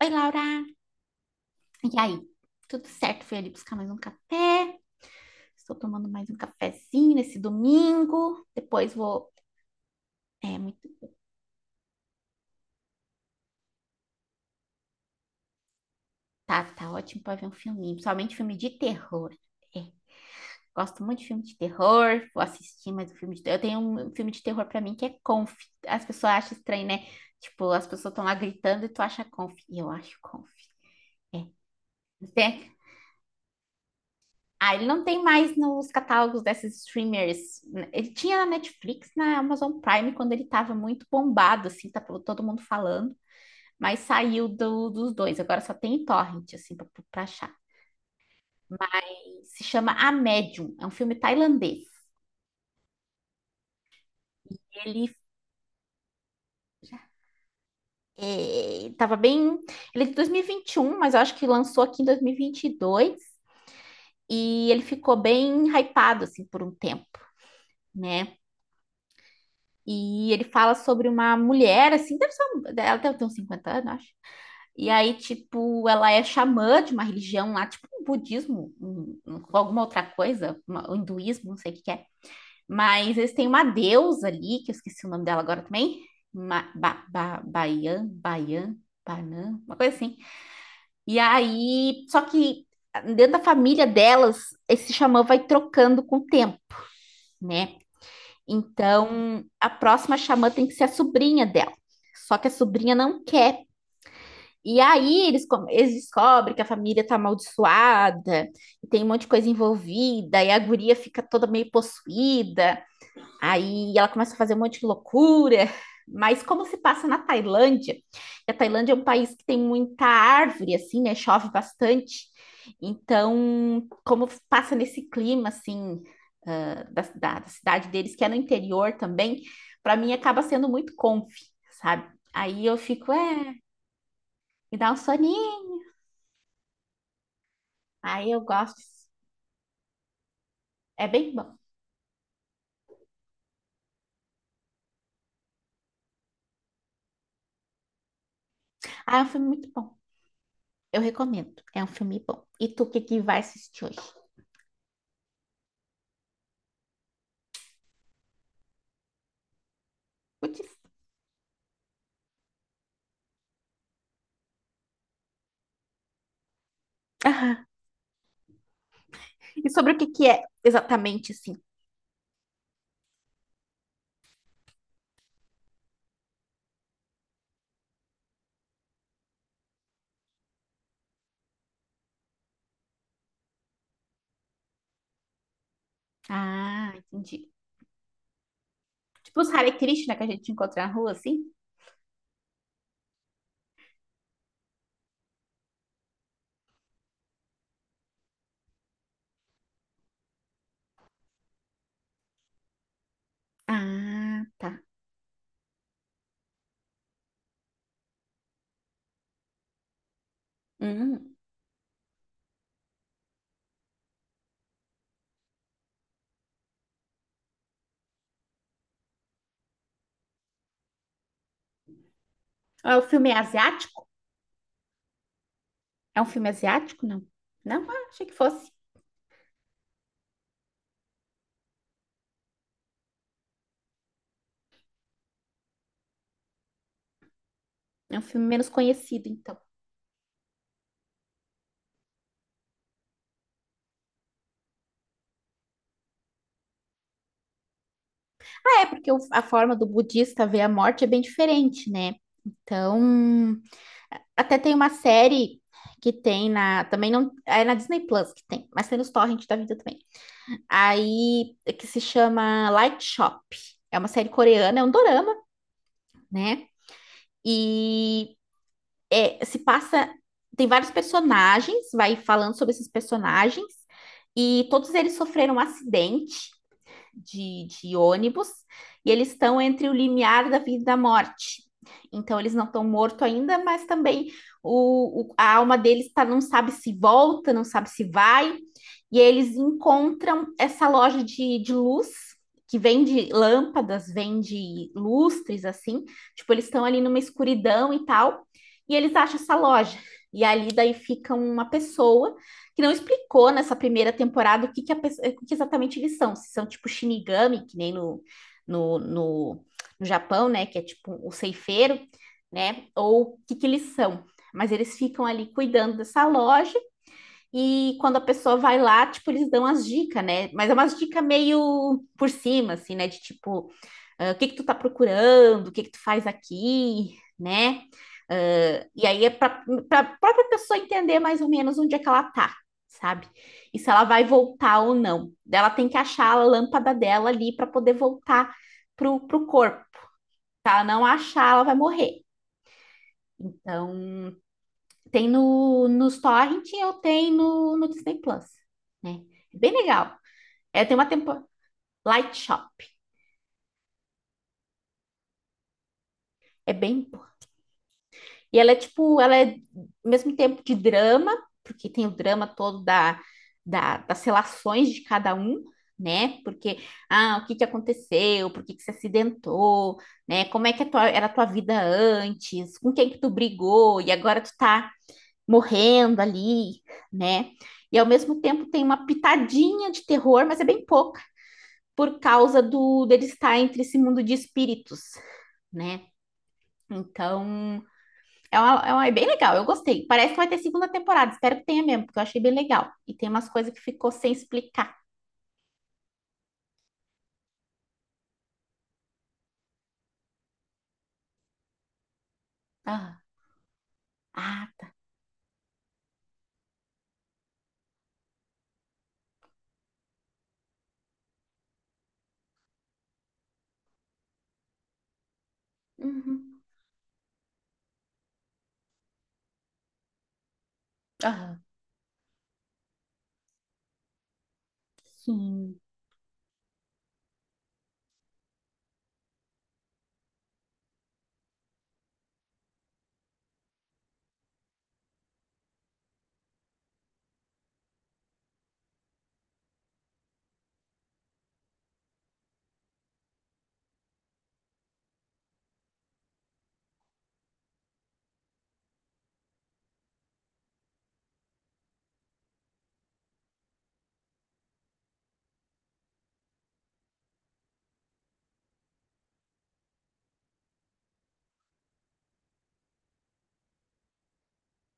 Oi, Laura! E aí? Tudo certo? Fui ali buscar mais um café. Estou tomando mais um cafezinho nesse domingo. Depois vou. É muito. Tá, tá ótimo para ver um filminho, principalmente filme de terror. É, gosto muito de filme de terror. Vou assistir mais um filme de terror. Eu tenho um filme de terror para mim que é Conf. As pessoas acham estranho, né? Tipo, as pessoas estão lá gritando e tu acha Conf. E eu acho Conf. Tem. Ah, ele não tem mais nos catálogos desses streamers. Ele tinha na Netflix, na Amazon Prime, quando ele estava muito bombado, assim, tá todo mundo falando, mas saiu dos dois. Agora só tem em torrent, assim, pra achar. Mas se chama A Medium, é um filme tailandês. Ele Tava bem. Ele é de 2021, mas eu acho que lançou aqui em 2022 e vinte e dois. E ele ficou bem hypado, assim, por um tempo, né? E ele fala sobre uma mulher, assim, deve ser, ela deve ter uns 50 anos, acho. E aí, tipo, ela é xamã de uma religião lá, tipo um budismo, alguma outra coisa, um hinduísmo, não sei o que que é. Mas eles têm uma deusa ali, que eu esqueci o nome dela agora também. Ma, ba, ba, Baian, Baian, Banan, uma coisa assim. E aí, só que dentro da família delas, esse xamã vai trocando com o tempo, né? Então, a próxima xamã tem que ser a sobrinha dela. Só que a sobrinha não quer. E aí eles, eles descobrem que a família tá amaldiçoada, e tem um monte de coisa envolvida, e a guria fica toda meio possuída. Aí ela começa a fazer um monte de loucura, mas como se passa na Tailândia, e a Tailândia é um país que tem muita árvore, assim, né? Chove bastante. Então, como passa nesse clima, assim, ah, da cidade deles, que é no interior também, para mim acaba sendo muito comfy, sabe? Aí eu fico, é, me dá um soninho. Aí eu gosto, é bem bom. Ah, é um filme muito bom. Eu recomendo, é um filme bom. E tu, o que que vai assistir hoje? Putz. E sobre o que que é exatamente assim? Ah, entendi. Tipo os Hare Krishna que a gente encontra na rua, assim? Ah, tá. Hum. Ah, o filme é asiático? É um filme asiático? Não. Não, ah, achei que fosse. É um filme menos conhecido, então. Ah, é, porque a forma do budista ver a morte é bem diferente, né? Então, até tem uma série que tem na. Também não. É na Disney Plus que tem, mas tem nos torrent da vida também. Aí, que se chama Light Shop. É uma série coreana, é um dorama, né? E é, se passa. Tem vários personagens, vai falando sobre esses personagens, e todos eles sofreram um acidente de ônibus e eles estão entre o limiar da vida e da morte. Então, eles não estão mortos ainda, mas também a alma deles tá, não sabe se volta, não sabe se vai. E eles encontram essa loja de luz, que vende lâmpadas, vende lustres, assim. Tipo, eles estão ali numa escuridão e tal. E eles acham essa loja. E ali daí fica uma pessoa que não explicou nessa primeira temporada o que exatamente eles são. Se são tipo Shinigami, que nem no, no, no Japão, né? Que é tipo o ceifeiro, né? Ou o que, que eles são. Mas eles ficam ali cuidando dessa loja e quando a pessoa vai lá, tipo, eles dão as dicas, né? Mas é umas dicas meio por cima, assim, né? De tipo, ah, o que que tu tá procurando, o que que tu faz aqui, né? Ah, e aí é para a própria pessoa entender mais ou menos onde é que ela tá, sabe? E se ela vai voltar ou não. Daí ela tem que achar a lâmpada dela ali para poder voltar pro corpo. Se ela não achar, ela vai morrer. Então, tem no, nos Torrent ou tem no Disney Plus, né? É bem legal. É, tem uma temporada. Light Shop. É E ela é tipo, ela é ao mesmo tempo de drama, porque tem o drama todo das relações de cada um, né? Porque, ah, o que que aconteceu? Por que que se acidentou? Né? Como é que era a tua vida antes? Com quem que tu brigou? E agora tu tá morrendo ali, né? E ao mesmo tempo tem uma pitadinha de terror, mas é bem pouca, por causa do dele estar entre esse mundo de espíritos, né? Então, bem legal, eu gostei. Parece que vai ter segunda temporada, espero que tenha mesmo, porque eu achei bem legal. E tem umas coisas que ficou sem explicar. Ah, ah tá. Uhum. Ah, sim.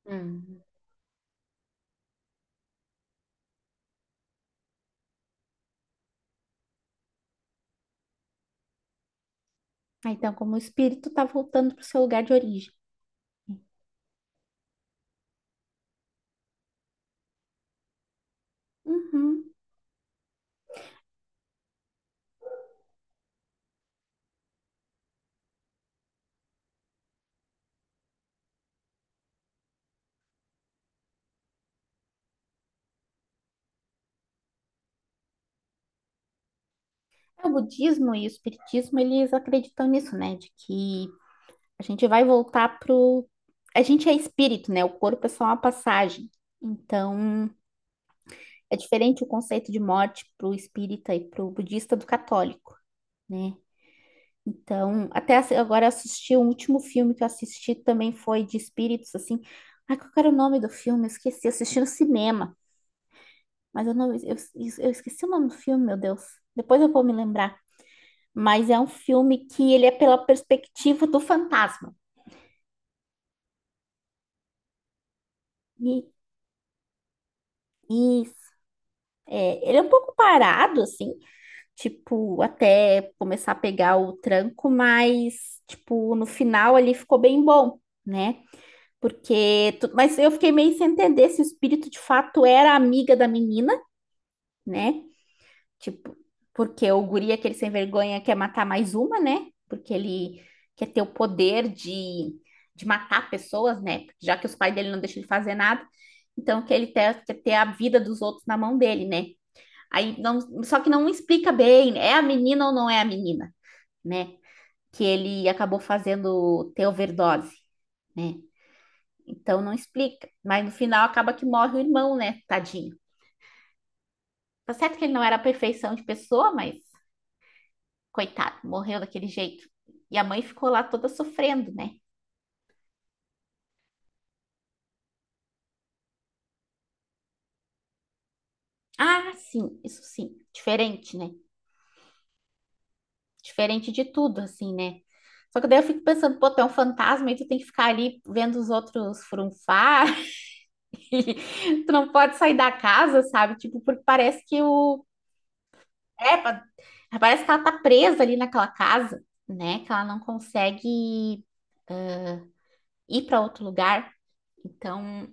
Uhum. Ah, então, como o espírito tá voltando pro seu lugar de origem. Uhum. O budismo e o espiritismo, eles acreditam nisso, né? De que a gente vai voltar pro... A gente é espírito, né? O corpo é só uma passagem. Então, é diferente o conceito de morte pro espírita e pro budista do católico, né? Então, agora eu assisti, o último filme que eu assisti também foi de espíritos, assim. Ai, qual era o nome do filme? Eu esqueci, eu assisti no cinema. Mas eu não, eu esqueci o nome do filme, meu Deus. Depois eu vou me lembrar. Mas é um filme que ele é pela perspectiva do fantasma. E, e ele é um pouco parado, assim, tipo, até começar a pegar o tranco, mas, tipo, no final ali ficou bem bom, né? Porque, mas eu fiquei meio sem entender se o espírito de fato era amiga da menina, né? Tipo, porque o guri, é aquele sem vergonha, quer matar mais uma, né? Porque ele quer ter o poder de matar pessoas, né? Já que os pais dele não deixam ele fazer nada, então que ele quer ter a vida dos outros na mão dele, né? Aí não, só que não explica bem, é a menina ou não é a menina, né? Que ele acabou fazendo ter overdose, né? Então não explica, mas no final acaba que morre o irmão, né? Tadinho. Tá certo que ele não era a perfeição de pessoa, mas coitado, morreu daquele jeito. E a mãe ficou lá toda sofrendo, né? Ah, sim, isso sim. Diferente, né? Diferente de tudo, assim, né? Só que daí eu fico pensando, pô, tu é um fantasma e tu tem que ficar ali vendo os outros frunfar. e tu não pode sair da casa, sabe? Tipo, porque parece que o. É, parece que ela tá presa ali naquela casa, né? Que ela não consegue ir para outro lugar. Então,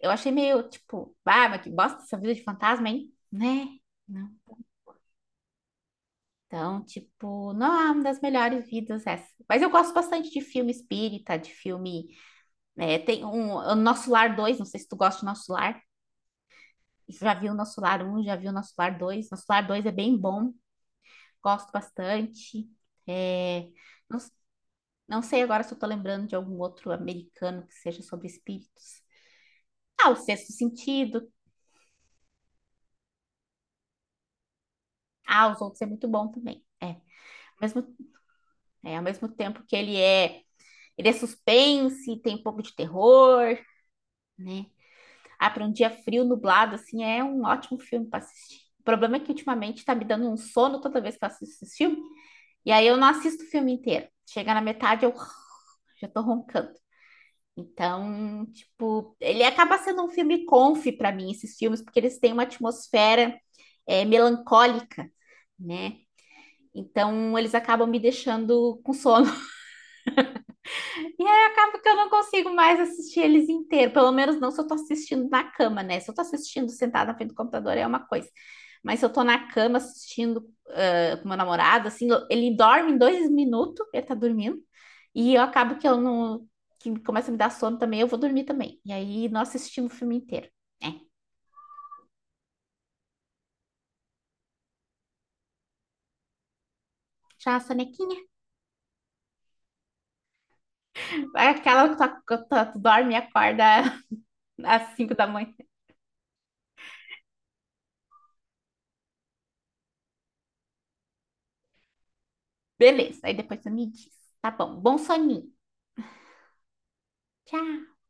eu achei meio tipo, ah, mas que bosta essa vida de fantasma, hein? Né? Então, tipo, não é uma das melhores vidas essa. Mas eu gosto bastante de filme espírita, de filme. Né, tem um, o Nosso Lar dois. Não sei se tu gosta do Nosso Lar. Já vi o Nosso Lar um, já vi o Nosso Lar dois. Nosso Lar dois é bem bom, gosto bastante. É, não, não sei agora se eu tô lembrando de algum outro americano que seja sobre espíritos. Ah, O Sexto Sentido. Ah, Os Outros é muito bom também. Mesmo, ao mesmo tempo que ele é. Ele é suspense, tem um pouco de terror, né? Ah, para um dia frio, nublado, assim, é um ótimo filme para assistir. O problema é que ultimamente tá me dando um sono toda vez que eu assisto esse filme, e aí eu não assisto o filme inteiro. Chega na metade, eu já tô roncando. Então, tipo, ele acaba sendo um filme comfy para mim, esses filmes, porque eles têm uma atmosfera é, melancólica, né? Então, eles acabam me deixando com sono. E aí acaba que eu não consigo mais assistir eles inteiro. Pelo menos não se eu tô assistindo na cama, né? Se eu tô assistindo sentada na frente do computador é uma coisa. Mas se eu tô na cama assistindo ah, com meu namorado, assim, ele dorme em 2 minutos, ele tá dormindo. E eu acabo que eu não... Que começa a me dar sono também, eu vou dormir também. E aí nós assistimos o filme inteiro. É, já a sonequinha. É aquela que tu dorme e acorda às 5 da manhã. Beleza, aí depois tu me diz. Tá bom, bom soninho. Tchau.